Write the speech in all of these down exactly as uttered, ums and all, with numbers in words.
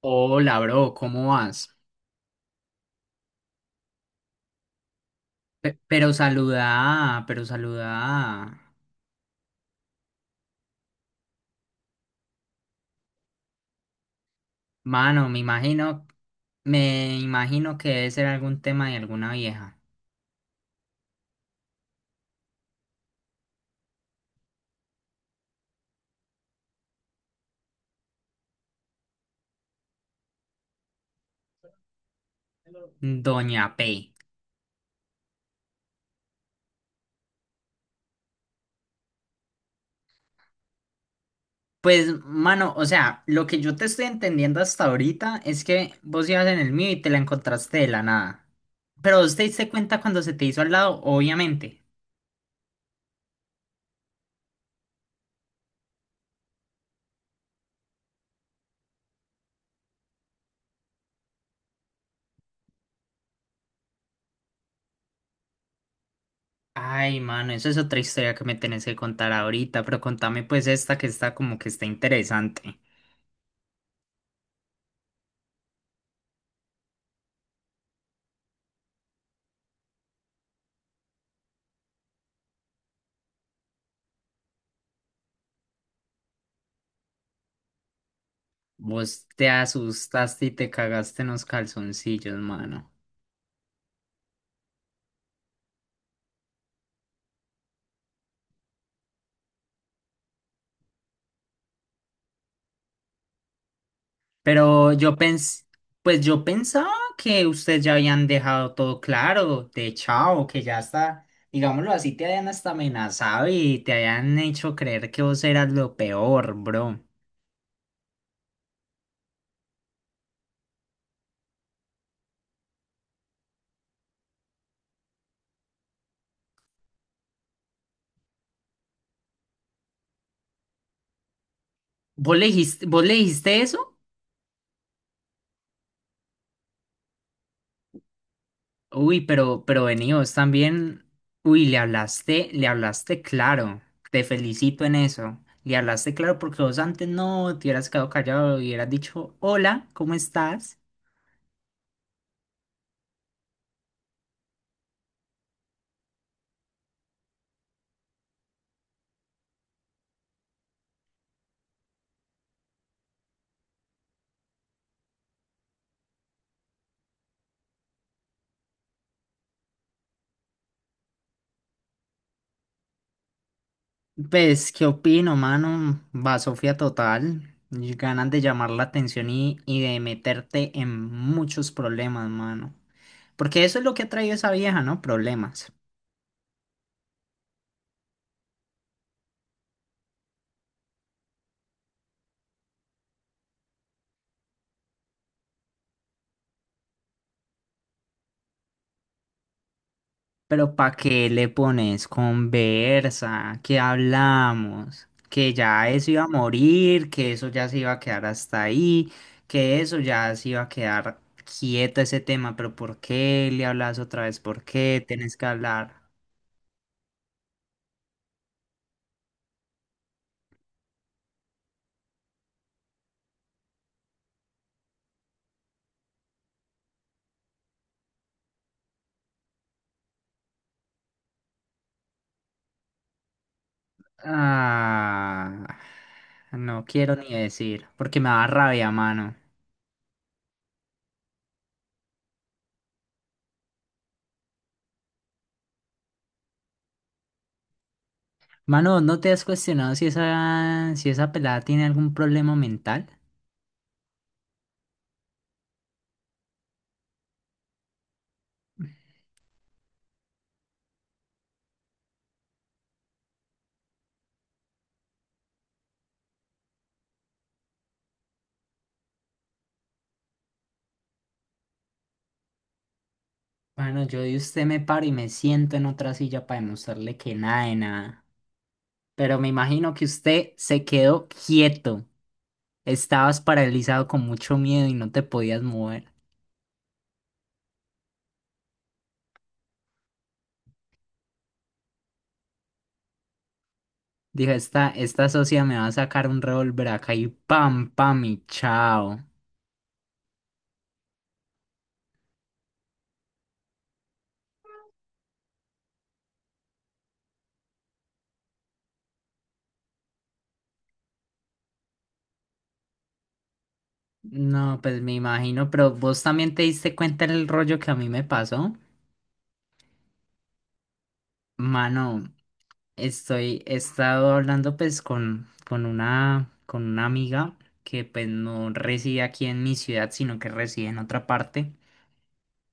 Hola, bro, ¿cómo vas? Pe- pero saluda, pero saluda. Mano, me imagino, me imagino que debe ser algún tema de alguna vieja. Doña P. Pues, mano, o sea, lo que yo te estoy entendiendo hasta ahorita es que vos ibas en el mío y te la encontraste de la nada. Pero vos te diste cuenta cuando se te hizo al lado, obviamente. Ay, mano, eso es otra historia que me tenés que contar ahorita, pero contame pues esta que está como que está interesante. Vos te asustaste y te cagaste en los calzoncillos, mano. Pero yo pensé, pues yo pensaba que ustedes ya habían dejado todo claro, de chao, que ya está, digámoslo así, te habían hasta amenazado y te habían hecho creer que vos eras lo peor, bro. ¿Vos le dijiste, vos le dijiste eso? Uy, pero, pero veníos también. Uy, le hablaste, le hablaste claro. Te felicito en eso. Le hablaste claro porque vos antes no te hubieras quedado callado y hubieras dicho, hola, ¿cómo estás? Pues, ¿qué opino, mano? Va Sofía total. Y ganas de llamar la atención y, y de meterte en muchos problemas, mano. Porque eso es lo que ha traído esa vieja, ¿no? Problemas. Pero ¿para qué le pones conversa? ¿Qué hablamos? Que ya eso iba a morir, que eso ya se iba a quedar hasta ahí, que eso ya se iba a quedar quieto ese tema, pero ¿por qué le hablas otra vez? ¿Por qué tenés que hablar? Ah, no quiero ni decir, porque me da rabia, mano. Mano, ¿no te has cuestionado si esa, si esa pelada tiene algún problema mental? Bueno, yo de usted me paro y me siento en otra silla para demostrarle que nada de nada. Pero me imagino que usted se quedó quieto. Estabas paralizado con mucho miedo y no te podías mover. Dijo, esta, esta socia me va a sacar un revólver acá y pam, pam y chao. No, pues me imagino, pero vos también te diste cuenta del rollo que a mí me pasó. Mano, estoy, he estado hablando pues con, con una, con una amiga que pues no reside aquí en mi ciudad, sino que reside en otra parte.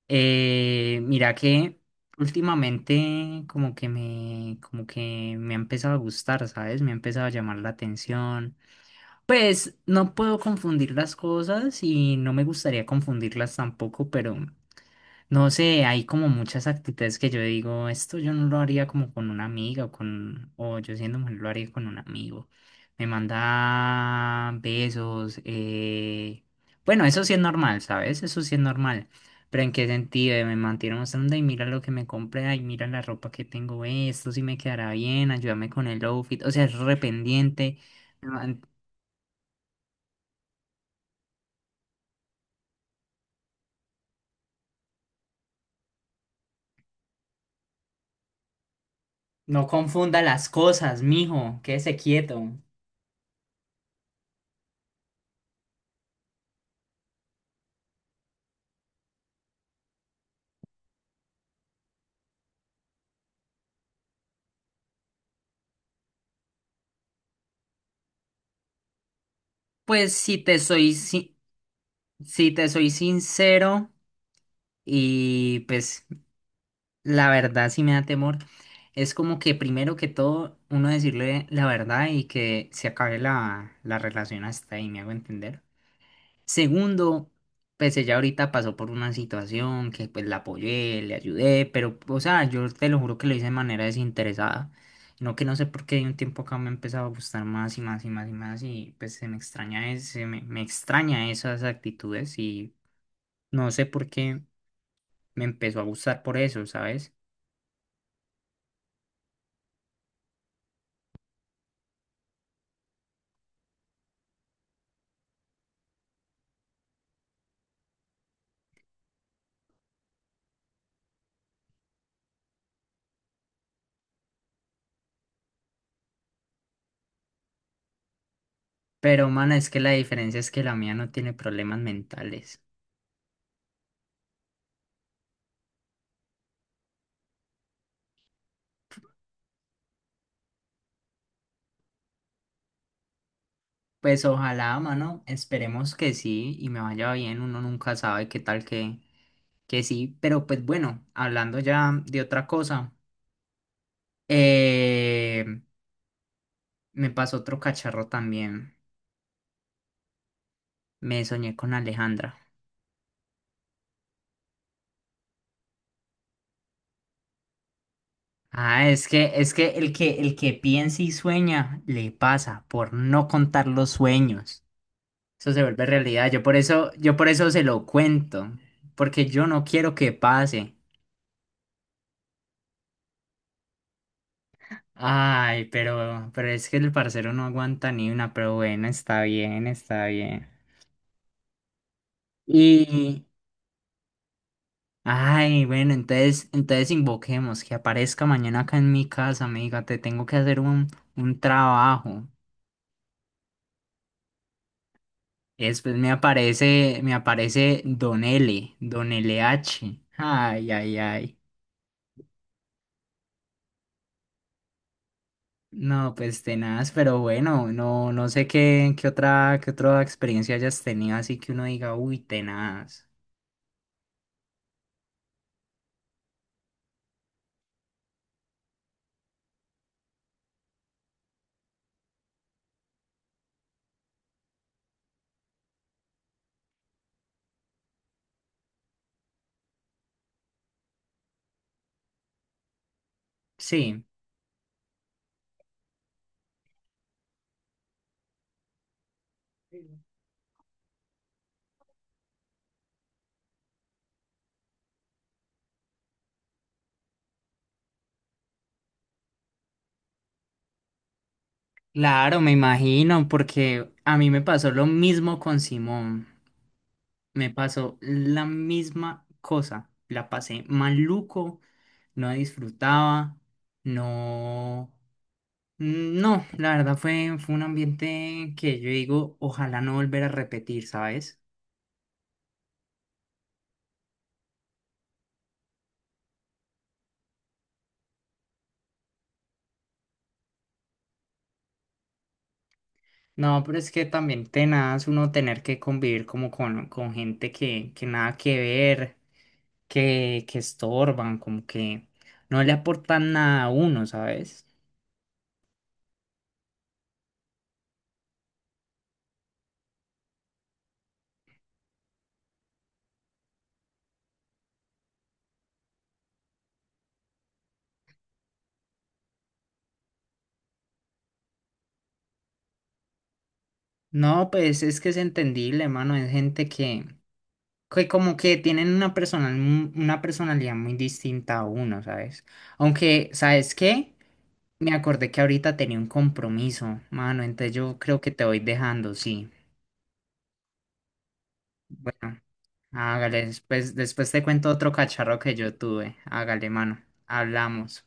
Eh, mira que últimamente como que me, como que me ha empezado a gustar, ¿sabes? Me ha empezado a llamar la atención. Pues no puedo confundir las cosas y no me gustaría confundirlas tampoco, pero no sé, hay como muchas actitudes que yo digo, esto yo no lo haría como con una amiga o con, o yo siendo mujer lo haría con un amigo. Me manda besos, eh... bueno, eso sí es normal, ¿sabes? Eso sí es normal. Pero ¿en qué sentido? Eh, Me mantiene mostrando, y mira lo que me compré, ay, mira la ropa que tengo, eh, esto sí me quedará bien, ayúdame con el outfit, o sea, es rependiente. No, no confunda las cosas, mijo, quédese quieto. Pues si te soy, si- Si te soy sincero, y pues la verdad sí me da temor, es como que primero que todo uno decirle la verdad y que se acabe la, la relación hasta ahí, me hago entender. Segundo, pues ella ahorita pasó por una situación que pues la apoyé, le ayudé, pero o sea, yo te lo juro que lo hice de manera desinteresada. No que no sé por qué de un tiempo acá me ha empezado a gustar más y más y más y más y pues se me extraña, es- se me, me extraña esas actitudes y... No sé por qué me empezó a gustar por eso, ¿sabes? Pero, mano, es que la diferencia es que la mía no tiene problemas mentales. Pues ojalá, mano, esperemos que sí y me vaya bien, uno nunca sabe qué tal que, que sí, pero pues bueno, hablando ya de otra cosa, eh, me pasó otro cacharro también, me soñé con Alejandra. Ah, es que, es que el que, el que piensa y sueña le pasa por no contar los sueños. Eso se vuelve realidad. Yo por eso, yo por eso se lo cuento, porque yo no quiero que pase. Ay, pero, pero es que el parcero no aguanta ni una, pero bueno, está bien, está bien. Y, ay, bueno, entonces, entonces invoquemos que aparezca mañana acá en mi casa, me diga, te tengo que hacer un, un trabajo. Y después me aparece, me aparece Don L, Don L H. Ay, ay, ay. No, pues tenaz, pero bueno, no, no sé qué, qué otra, qué otra experiencia hayas tenido, así que uno diga, uy, tenaz. Sí, claro, me imagino, porque a mí me pasó lo mismo con Simón. Me pasó la misma cosa. La pasé maluco, no disfrutaba, no. No, la verdad fue, fue un ambiente que yo digo, ojalá no volver a repetir, ¿sabes? No, pero es que también tenaz uno tener que convivir como con, con gente que, que nada que ver, que, que estorban, como que no le aportan nada a uno, ¿sabes? No, pues es que es entendible, hermano, es gente que, que como que tienen una personal, una personalidad muy distinta a uno, ¿sabes? Aunque, ¿sabes qué? Me acordé que ahorita tenía un compromiso, mano, entonces yo creo que te voy dejando, sí. Hágale, después, después te cuento otro cacharro que yo tuve. Hágale, mano. Hablamos.